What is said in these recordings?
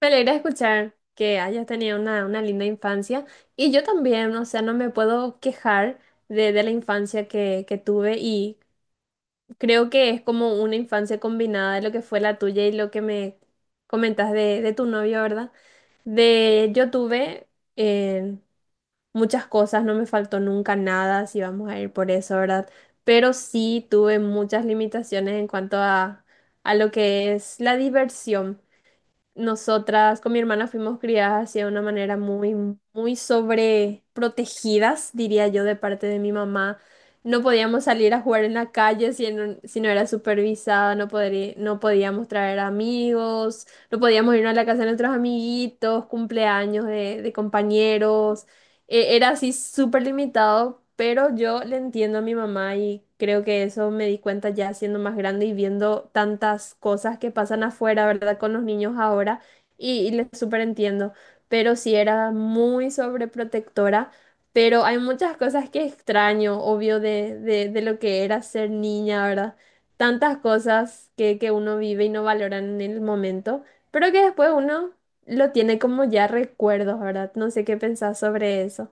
Me alegra escuchar que hayas tenido una linda infancia y yo también, o sea, no me puedo quejar de la infancia que tuve y creo que es como una infancia combinada de lo que fue la tuya y lo que me comentas de tu novio, ¿verdad? De yo tuve eh, muchas cosas, no me faltó nunca nada, si vamos a ir por eso, ¿verdad? Pero sí tuve muchas limitaciones en a lo que es la diversión. Nosotras con mi hermana fuimos criadas así de una manera muy sobreprotegidas, diría yo, de parte de mi mamá. No podíamos salir a jugar en la calle si no era supervisada, no podíamos traer amigos, no podíamos irnos a la casa de nuestros amiguitos, cumpleaños de compañeros, era así súper limitado, pero yo le entiendo a mi mamá y creo que eso me di cuenta ya siendo más grande y viendo tantas cosas que pasan afuera, ¿verdad? Con los niños ahora y le súper entiendo, pero sí era muy sobreprotectora. Pero hay muchas cosas que extraño, obvio, de lo que era ser niña, ¿verdad? Tantas cosas que uno vive y no valoran en el momento, pero que después uno lo tiene como ya recuerdos, ¿verdad? No sé qué pensás sobre eso.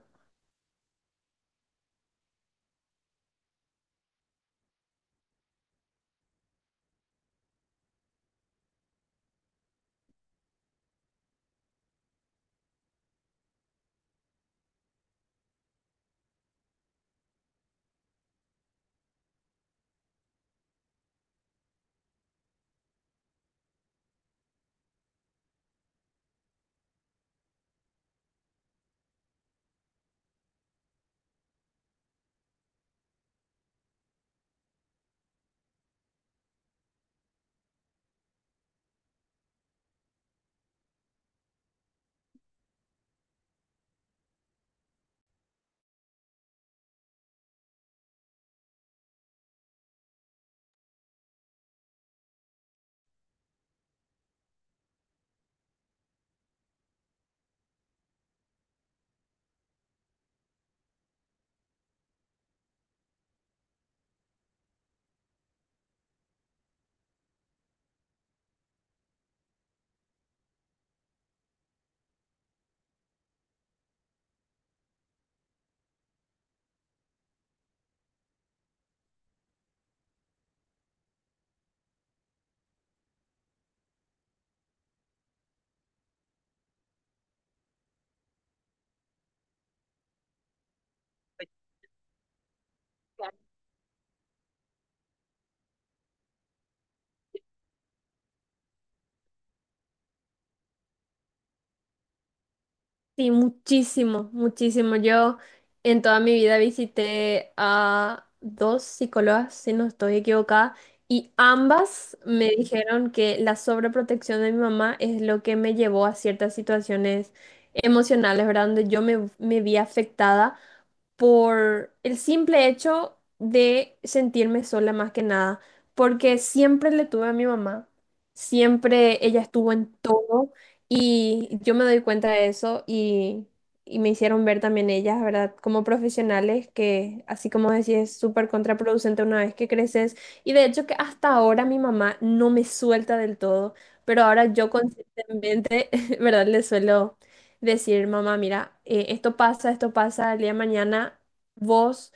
Sí, muchísimo, muchísimo. Yo en toda mi vida visité a dos psicólogas, si no estoy equivocada, y ambas me dijeron que la sobreprotección de mi mamá es lo que me llevó a ciertas situaciones emocionales, ¿verdad? Donde yo me vi afectada por el simple hecho de sentirme sola más que nada, porque siempre le tuve a mi mamá, siempre ella estuvo en todo y yo me doy cuenta de eso y me hicieron ver también ellas, ¿verdad? Como profesionales que, así como decía, es súper contraproducente una vez que creces y de hecho que hasta ahora mi mamá no me suelta del todo, pero ahora yo conscientemente, ¿verdad? Le suelo decir, mamá, mira, esto pasa, el día de mañana vos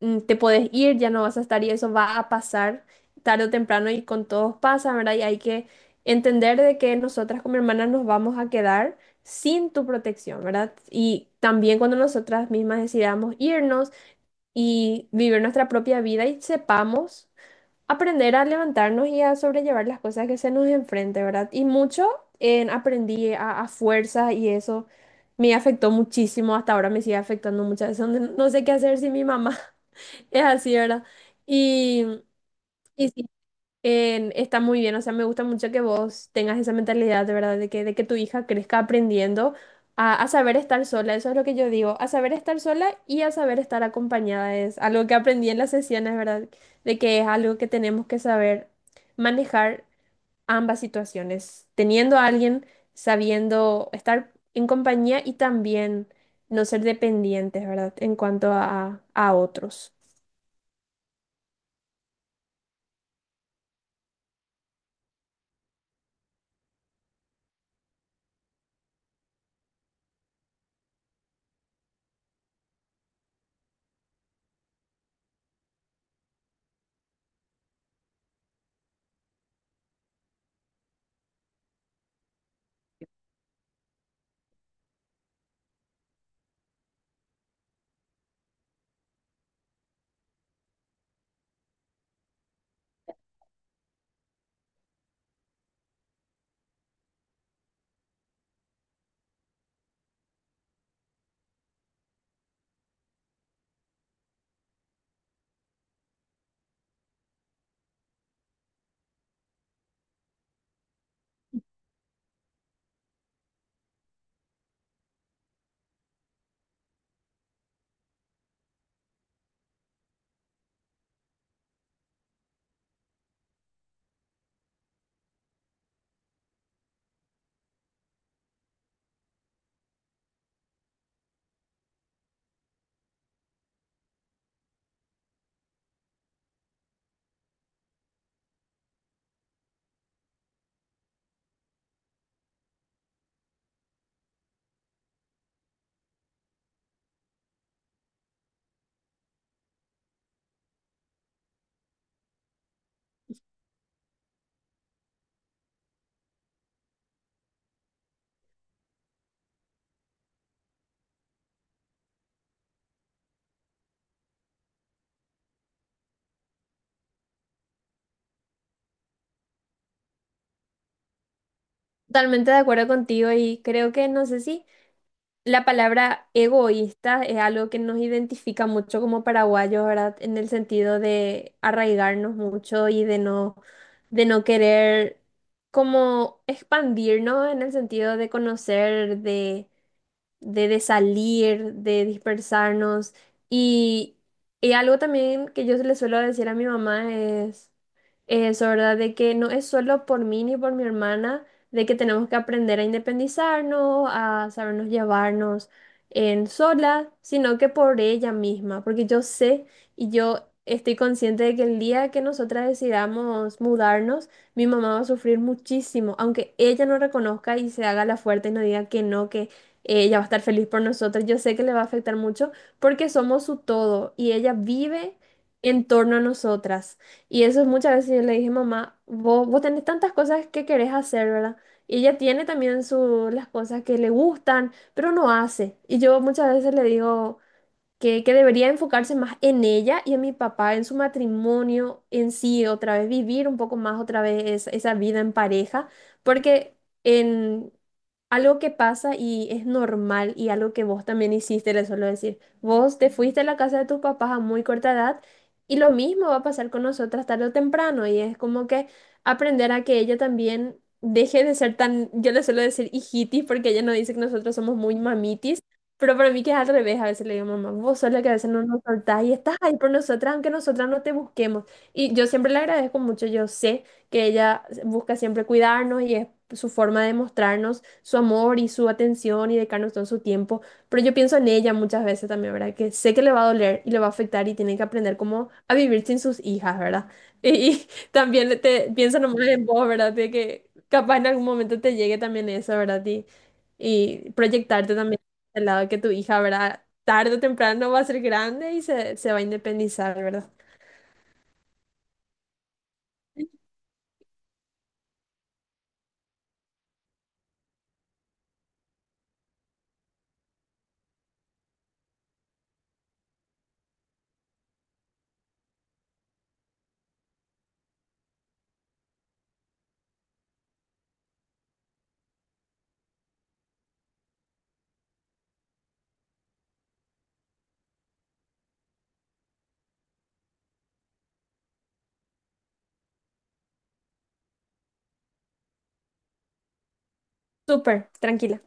te podés ir, ya no vas a estar y eso va a pasar tarde o temprano y con todos pasa, ¿verdad? Y hay que entender de que nosotras como hermanas nos vamos a quedar sin tu protección, ¿verdad? Y también cuando nosotras mismas decidamos irnos y vivir nuestra propia vida y sepamos aprender a levantarnos y a sobrellevar las cosas que se nos enfrente, ¿verdad? Y mucho en aprendí a fuerza y eso me afectó muchísimo, hasta ahora me sigue afectando muchas veces, donde no sé qué hacer sin mi mamá, es así, ¿verdad? Y, y sí, en- está muy bien, o sea, me gusta mucho que vos tengas esa mentalidad, de verdad, de que tu hija crezca aprendiendo a saber estar sola, eso es lo que yo digo, a saber estar sola y a saber estar acompañada, es algo que aprendí en las sesiones, ¿verdad? De que es algo que tenemos que saber manejar ambas situaciones, teniendo a alguien, sabiendo estar en compañía y también no ser dependientes, ¿verdad? En cuanto a otros. Totalmente de acuerdo contigo y creo que no sé si... La palabra egoísta es algo que nos identifica mucho como paraguayos, ¿verdad? En el sentido de arraigarnos mucho y de no querer como expandirnos en el sentido de conocer, de salir, de dispersarnos. Y, y algo también que yo le suelo decir a mi mamá es eso, ¿verdad? De que no es solo por mí ni por mi hermana, de que tenemos que aprender a independizarnos, a sabernos llevarnos en sola, sino que por ella misma, porque yo sé y yo estoy consciente de que el día que nosotras decidamos mudarnos, mi mamá va a sufrir muchísimo, aunque ella no reconozca y se haga la fuerte y no diga que no, que ella va a estar feliz por nosotros. Yo sé que le va a afectar mucho porque somos su todo y ella vive en torno a nosotras. Y eso es muchas veces yo le dije, mamá, vos tenés tantas cosas que querés hacer, ¿verdad? Y ella tiene también su, las cosas que le gustan, pero no hace. Y yo muchas veces le digo que debería enfocarse más en ella y en mi papá, en su matrimonio en sí, otra vez vivir un poco más otra vez esa vida en pareja, porque en algo que pasa y es normal y algo que vos también hiciste, le suelo decir, vos te fuiste a la casa de tus papás a muy corta edad y lo mismo va a pasar con nosotras tarde o temprano y es como que aprender a que ella también... Deje de ser tan, yo le suelo decir hijitis porque ella nos dice que nosotros somos muy mamitis, pero para mí que es al revés, a veces le digo, mamá, vos sos la que a veces no nos soltás y estás ahí por nosotras, aunque nosotras no te busquemos. Y yo siempre le agradezco mucho, yo sé que ella busca siempre cuidarnos y es su forma de mostrarnos su amor y su atención y dedicarnos todo su tiempo. Pero yo pienso en ella muchas veces también, ¿verdad? Que sé que le va a doler y le va a afectar y tiene que aprender cómo a vivir sin sus hijas, ¿verdad? Y, y también te, pienso nomás en vos, ¿verdad? De que capaz en algún momento te llegue también eso, ¿verdad? Y proyectarte también. Del lado que tu hija, ¿verdad? Tarde o temprano va a ser grande y se va a independizar, ¿verdad? Súper, tranquila.